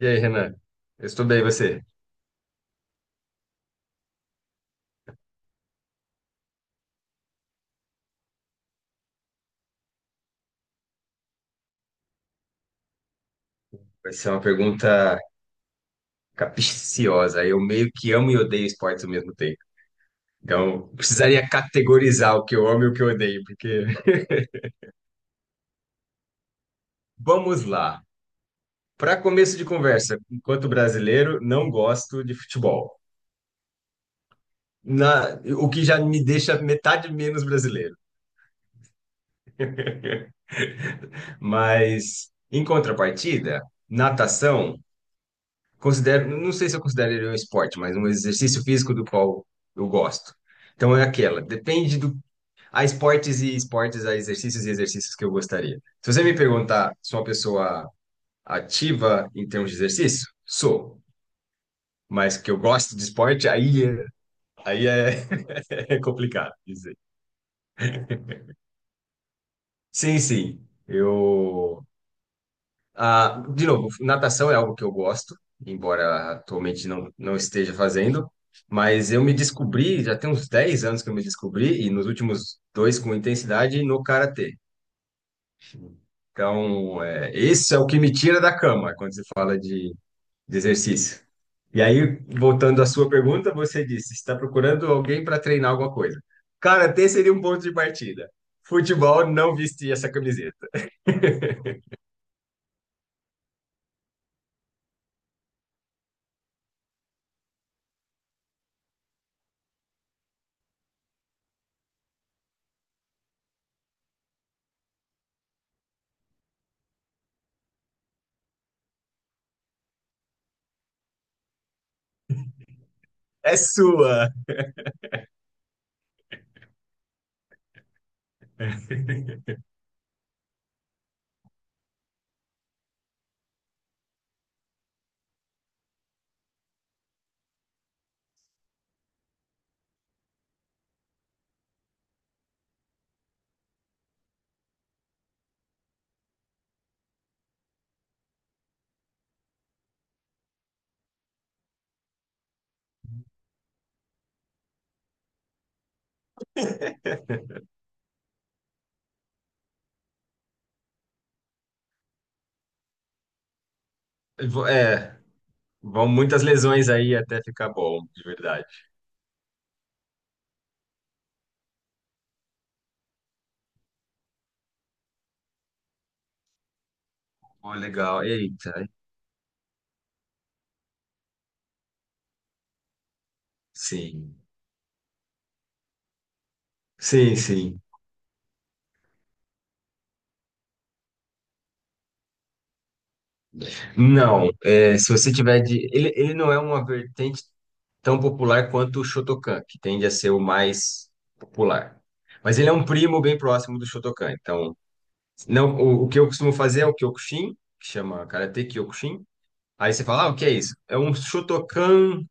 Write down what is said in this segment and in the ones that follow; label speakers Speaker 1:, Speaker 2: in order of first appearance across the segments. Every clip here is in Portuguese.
Speaker 1: E aí, Renan? Eu estou estudei você. Vai ser uma pergunta capciosa. Eu meio que amo e odeio esportes ao mesmo tempo. Então, precisaria categorizar o que eu amo e o que eu odeio, porque vamos lá. Para começo de conversa, enquanto brasileiro, não gosto de futebol. O que já me deixa metade menos brasileiro. Mas, em contrapartida, natação, considero, não sei se eu considero ele um esporte, mas um exercício físico do qual eu gosto. Então é aquela, depende do. Há esportes e esportes, há exercícios e exercícios que eu gostaria. Se você me perguntar se sou uma pessoa ativa em termos de exercício, sou. Mas que eu gosto de esporte, aí, aí é, é complicado dizer. Sim, sim. Eu. Ah, de novo, natação é algo que eu gosto, embora atualmente não esteja fazendo. Mas eu me descobri, já tem uns 10 anos que eu me descobri, e nos últimos dois com intensidade, no karatê. Então, é, esse é o que me tira da cama quando se fala de exercício. E aí, voltando à sua pergunta, você disse: está procurando alguém para treinar alguma coisa. Karatê seria um ponto de partida. Futebol, não vestir essa camiseta. É sua! Vo- É, vão muitas lesões aí até ficar bom, de verdade. Pô, legal. Eita, sim. Sim, sim. Não, é, se você tiver de. Ele não é uma vertente tão popular quanto o Shotokan, que tende a ser o mais popular. Mas ele é um primo bem próximo do Shotokan. Então, não, o que eu costumo fazer é o Kyokushin, que chama Karate Kyokushin. Aí você fala, ah, o que é isso? É um Shotokan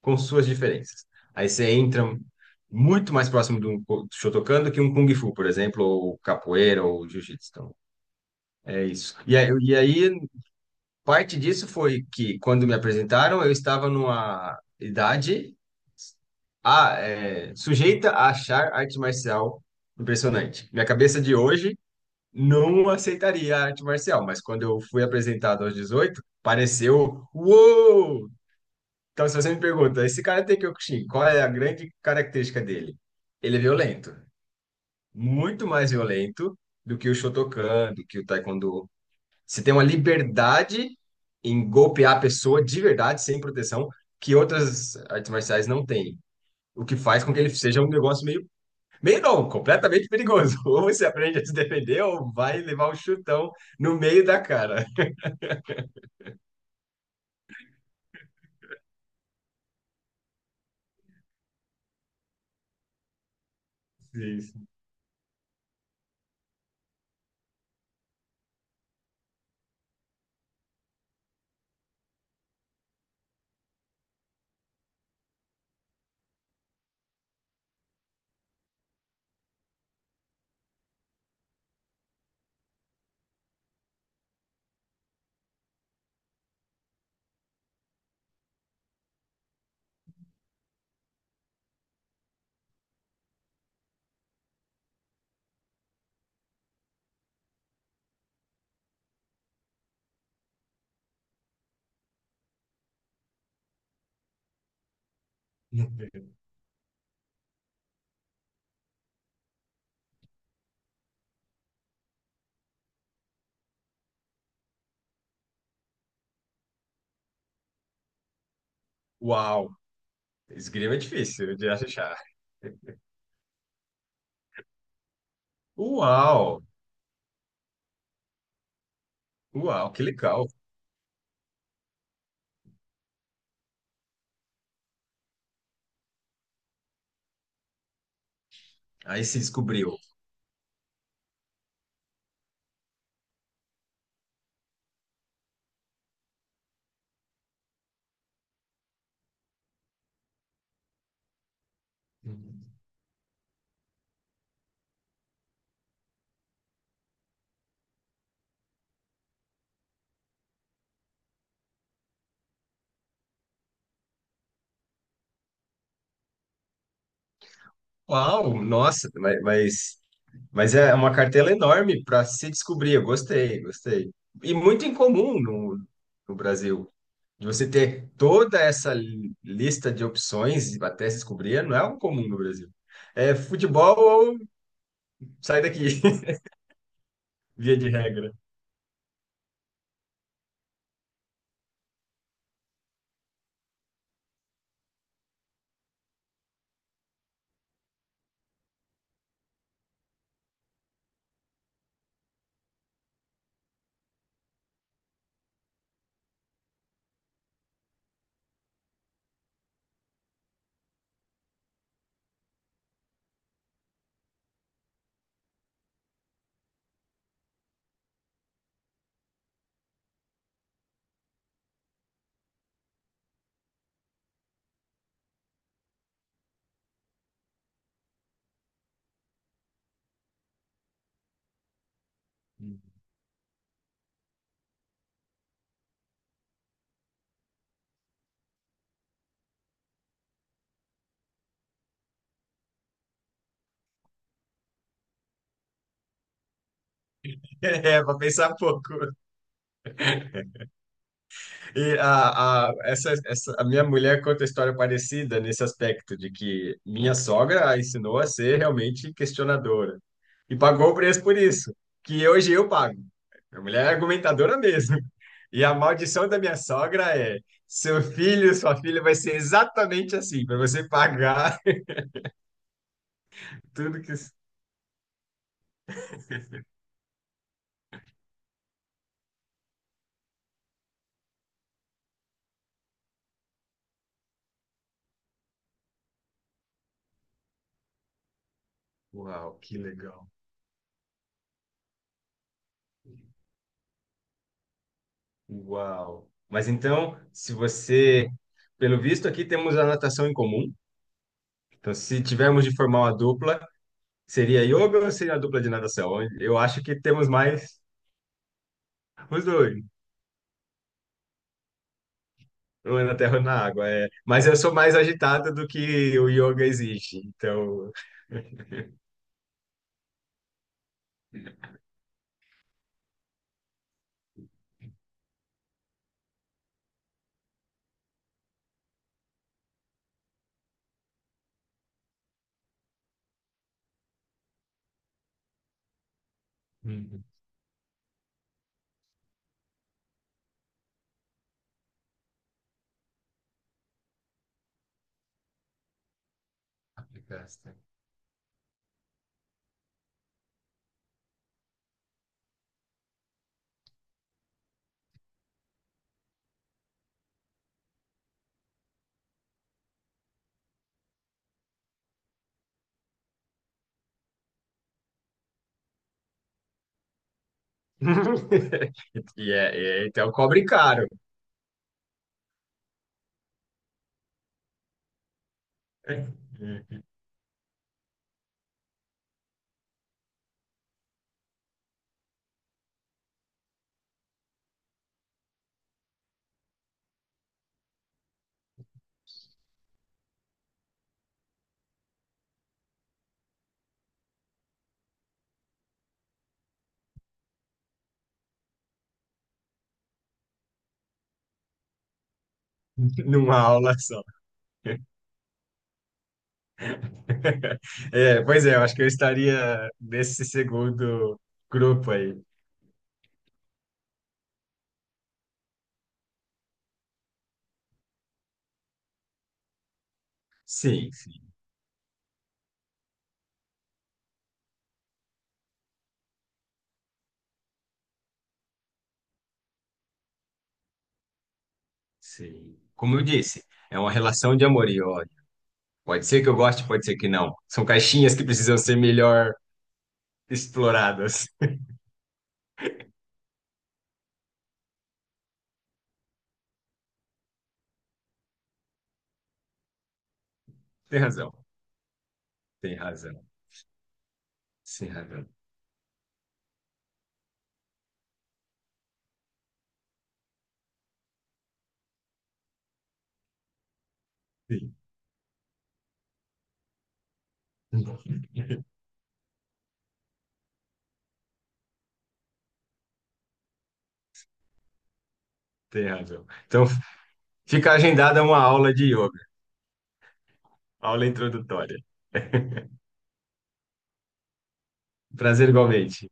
Speaker 1: com suas diferenças. Aí você entra muito mais próximo do Shotokan do que um Kung Fu, por exemplo, ou capoeira, ou Jiu-Jitsu. Então, é isso. E aí, parte disso foi que, quando me apresentaram, eu estava numa idade sujeita a achar arte marcial impressionante. Minha cabeça de hoje não aceitaria a arte marcial, mas quando eu fui apresentado aos 18 pareceu uou! Então, se você me pergunta, esse cara Karate Kyokushin, qual é a grande característica dele? Ele é violento, muito mais violento do que o Shotokan, do que o Taekwondo. Você tem uma liberdade em golpear a pessoa de verdade, sem proteção, que outras artes marciais não têm. O que faz com que ele seja um negócio meio. Meio não, completamente perigoso. Ou você aprende a se defender, ou vai levar um chutão no meio da cara. Isso. Uau! Esgrima é difícil de achar. Uau! Uau, que legal. Aí se descobriu. Uau, nossa, mas é uma cartela enorme para se descobrir. Eu gostei, gostei. E muito incomum no Brasil. De você ter toda essa lista de opções até se descobrir, não é algo comum no Brasil. É futebol ou sai daqui, via de regra. É, para pensar pouco. E a minha mulher conta história parecida nesse aspecto, de que minha sogra a ensinou a ser realmente questionadora. E pagou o preço por isso, que hoje eu pago. Minha mulher é argumentadora mesmo. E a maldição da minha sogra é: seu filho, sua filha vai ser exatamente assim, para você pagar tudo que. Uau, que legal. Uau. Mas então, se você. Pelo visto, aqui temos a natação em comum. Então, se tivermos de formar uma dupla, seria yoga ou seria a dupla de natação? Eu acho que temos mais os dois, um é na terra ou na água. É. Mas eu sou mais agitado do que o yoga exige, então. Hum, aplicaste. E então cobre caro numa aula só. É, pois é, eu acho que eu estaria nesse segundo grupo aí. Sim, sim, sim. Como eu disse, é uma relação de amor e ódio. Pode ser que eu goste, pode ser que não. São caixinhas que precisam ser melhor exploradas. Tem razão, tem razão, tem razão. Sim. Tem razão. Então, fica agendada uma aula de yoga, aula introdutória. Prazer igualmente.